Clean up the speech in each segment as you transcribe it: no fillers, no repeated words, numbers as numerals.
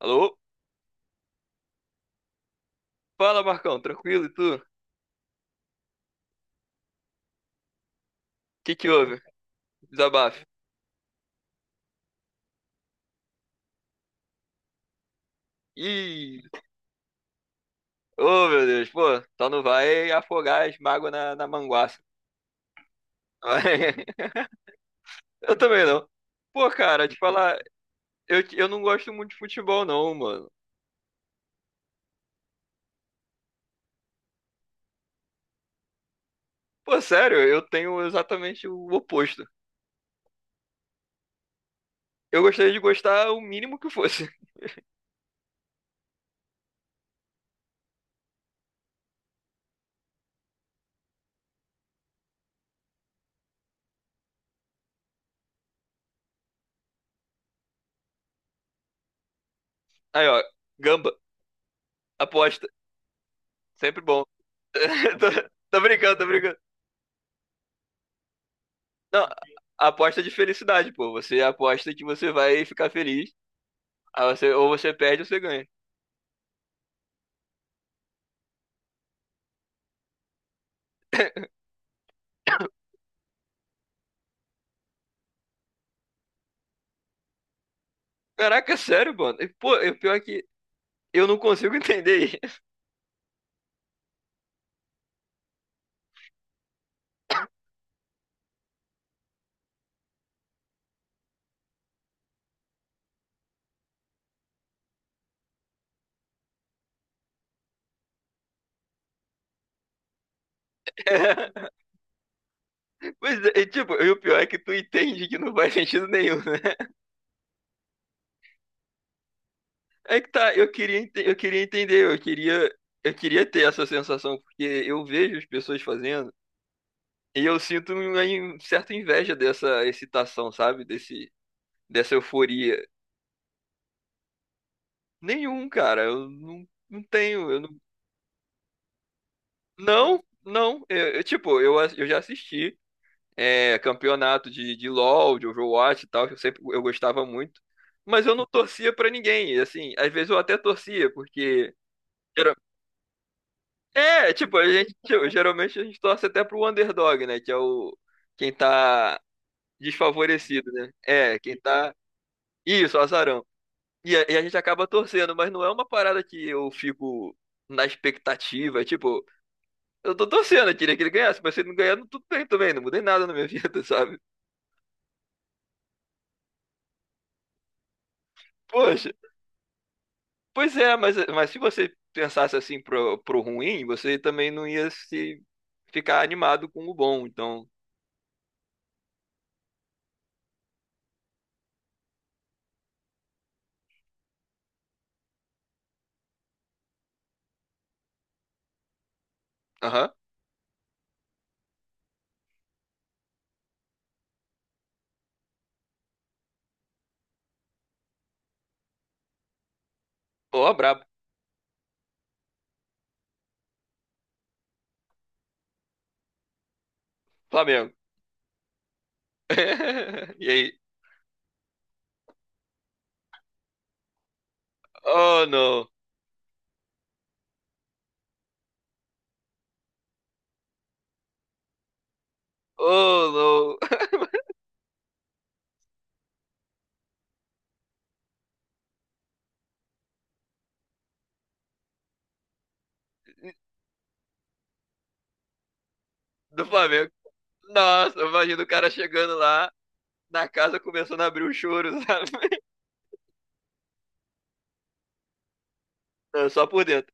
Alô? Fala, Marcão, tranquilo e tu? O que que houve? Desabafo. Ih, ô meu Deus, pô, só não vai afogar as mágoas na manguaça. Eu também não. Pô, cara, te falar, eu não gosto muito de futebol, não, mano. Pô, sério, eu tenho exatamente o oposto. Eu gostaria de gostar o mínimo que fosse. Aí, ó, gamba, aposta, sempre bom. Tô, tô brincando, tô brincando. Não, aposta de felicidade, pô. Você aposta que você vai ficar feliz. Aí você, ou você perde ou você ganha. Caraca, sério, mano. E, pô, e o pior é que eu não consigo entender isso. É, pois é, e, tipo, e o pior é que tu entende que não faz sentido nenhum, né? É que tá, eu queria, eu queria entender, eu queria ter essa sensação, porque eu vejo as pessoas fazendo e eu sinto uma certa inveja dessa excitação, sabe? Dessa euforia. Nenhum, cara, eu não, não tenho, eu não. Não, não. Eu, tipo, eu, eu já assisti. É, campeonato de LoL, de Overwatch e tal, que eu sempre eu gostava muito. Mas eu não torcia pra ninguém. E, assim, às vezes eu até torcia, porque... gera- É, tipo, a gente tipo, geralmente a gente torce até pro underdog, né? Que é o quem tá desfavorecido, né? É, quem tá. Isso, azarão. E a gente acaba torcendo, mas não é uma parada que eu fico na expectativa. Tipo, eu tô torcendo, eu queria que ele ganhasse, mas se ele não ganhar, não- tudo bem também, não mudei nada na minha vida, sabe? Poxa. Pois é, mas se você pensasse assim pro ruim, você também não ia se ficar animado com o bom. Então... Aham. Ó, brabo. Flamengo. E aí? Oh, não. Oh, não. Do Flamengo. Nossa, imagina o cara chegando lá na casa começando a abrir o choro, sabe? Não, só por dentro.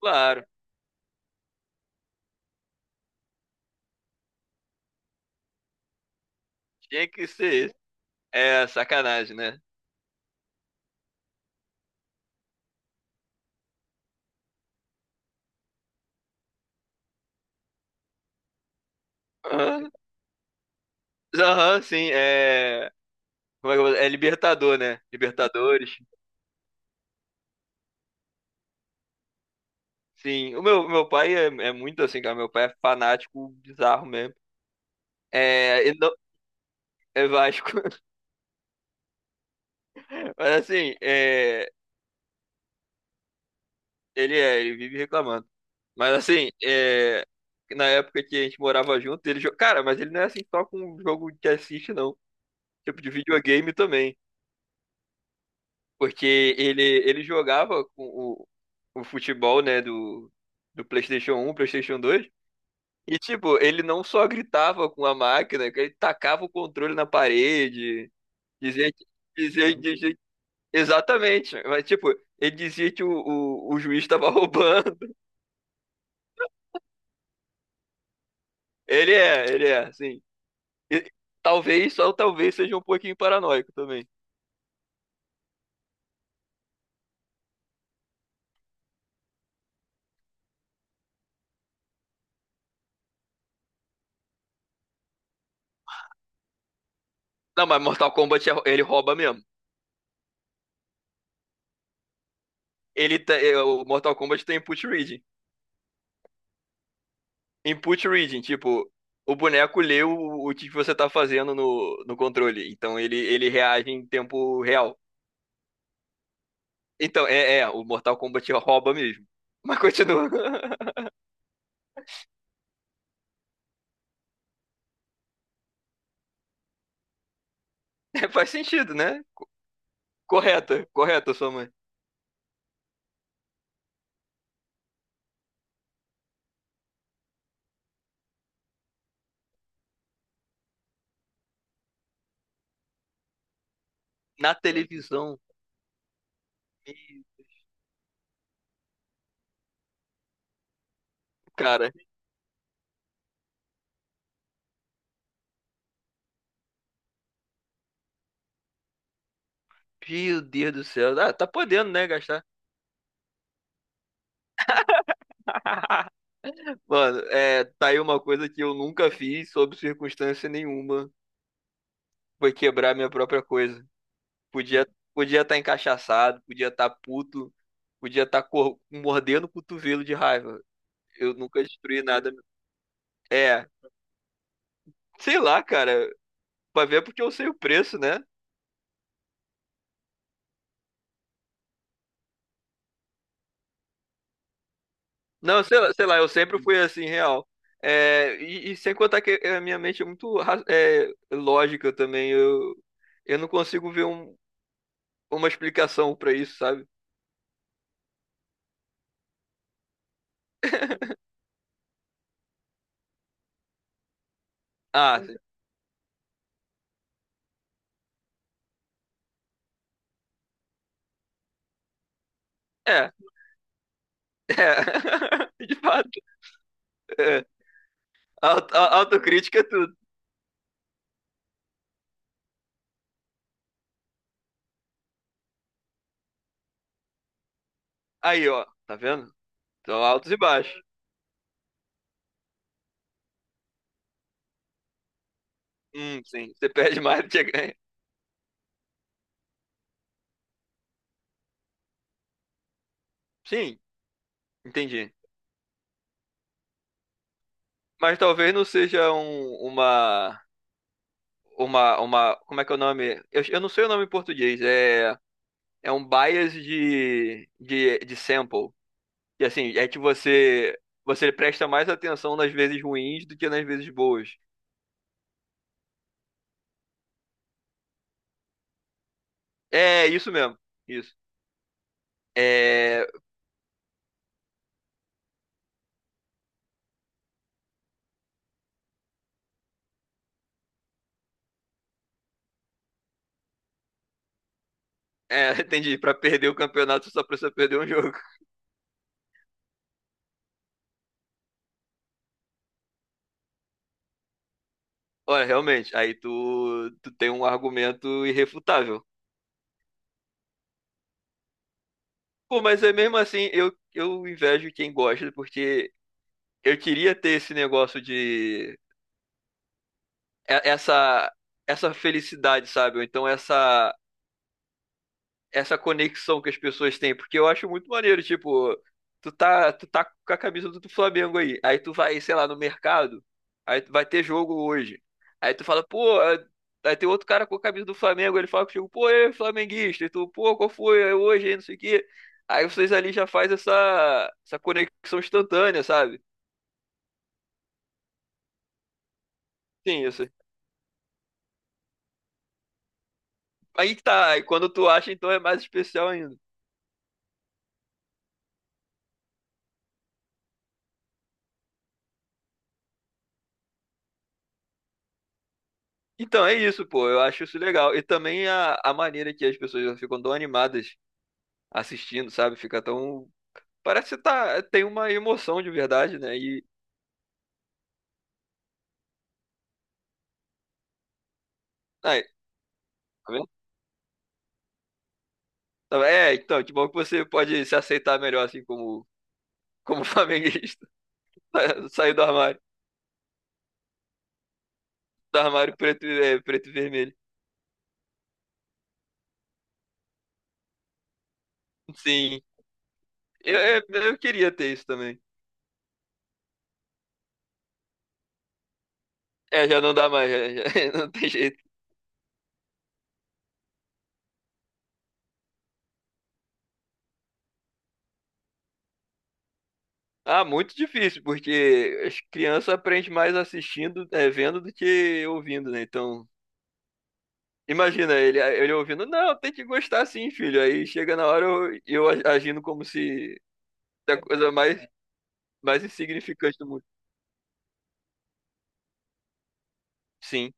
Claro, tinha que ser isso. É sacanagem, né? Aham, aham, sim, é. Como é que eu vou- é Libertador, né? Libertadores. Sim, o meu, meu pai é, é muito assim, cara. Meu pai é fanático bizarro mesmo. É, ele não, é Vasco. Mas assim, é, ele vive reclamando. Mas assim, é, na época que a gente morava junto, ele jogava. Cara, mas ele não é assim só com o jogo que assiste, não. Tipo de videogame também. Porque ele jogava com o futebol, né, do PlayStation 1, PlayStation 2. E tipo, ele não só gritava com a máquina, que ele tacava o controle na parede. Dizia que, dizia, exatamente. Mas, tipo, ele dizia que o juiz estava roubando. Ele é, sim. E talvez, só talvez seja um pouquinho paranoico também. Não, mas Mortal Kombat, é- ele rouba mesmo. É, o Mortal Kombat tem input reading. Input reading, tipo, o boneco lê o que você tá fazendo no, no controle. Então, ele reage em tempo real. Então, é, é, o Mortal Kombat rouba mesmo. Mas continua. É, faz sentido, né? Correta, correta, sua mãe. Na televisão, e, cara, meu Deus do céu. Ah, tá podendo, né, gastar. Mano, é, tá aí uma coisa que eu nunca fiz, sob circunstância nenhuma. Foi quebrar minha própria coisa. Podia podia estar encachaçado, podia estar puto, podia estar mordendo o cotovelo de raiva. Eu nunca destruí nada. É, sei lá, cara. Pra ver porque eu sei o preço, né? Não, sei lá, sei lá, eu sempre fui assim, real. É, e sem contar que a minha mente é muito é, lógica também. Eu não consigo ver uma explicação pra isso, sabe? Ah, sim. É, é. De fato, é. Autocrítica é tudo. Aí, ó, tá vendo? Então, altos e baixos. Sim, você perde mais do que ganha. Sim, entendi. Mas talvez não seja uma, como é que é o nome? Eu não sei o nome em português. É. É um bias de sample. E assim, é que você você presta mais atenção nas vezes ruins do que nas vezes boas. É isso mesmo. Isso. É, é, entendi, para perder o campeonato só precisa perder um jogo. Olha, realmente, aí tu, tu tem um argumento irrefutável. Pô, mas é mesmo assim, eu invejo quem gosta, porque eu queria ter esse negócio de essa essa felicidade, sabe? Ou então essa essa conexão que as pessoas têm, porque eu acho muito maneiro, tipo, tu tá com a camisa do Flamengo aí, aí tu vai, sei lá, no mercado, aí tu vai ter jogo hoje. Aí tu fala, pô, aí tem outro cara com a camisa do Flamengo, ele fala contigo, pô, é flamenguista, e tu, pô, qual foi, é hoje, aí, não sei o quê. Aí vocês ali já faz essa, essa conexão instantânea, sabe? Sim, isso. Aí que tá, aí quando tu acha, então é mais especial ainda. Então é isso, pô, eu acho isso legal. E também a maneira que as pessoas ficam tão animadas assistindo, sabe? Fica tão... Parece que tá... tem uma emoção de verdade, né? E... Ai, tá vendo? Tá. É, então, que bom que você pode se aceitar melhor, assim, como, como flamenguista. Sair do armário. Do armário preto, é, preto e vermelho. Sim. Eu queria ter isso também. É, já não dá mais, já, já- não tem jeito. Ah, muito difícil, porque as crianças aprendem mais assistindo, é, vendo do que ouvindo, né? Então... Imagina ele, ele ouvindo, não, tem que gostar sim, filho. Aí chega na hora eu agindo como se é a coisa mais, mais insignificante do mundo. Sim.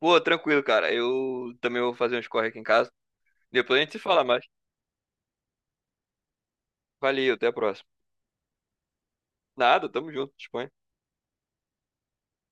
Pô, tranquilo, cara. Eu também vou fazer uns corre aqui em casa. Depois a gente se fala mais. Valeu, até a próxima. Nada, tamo junto, disponha.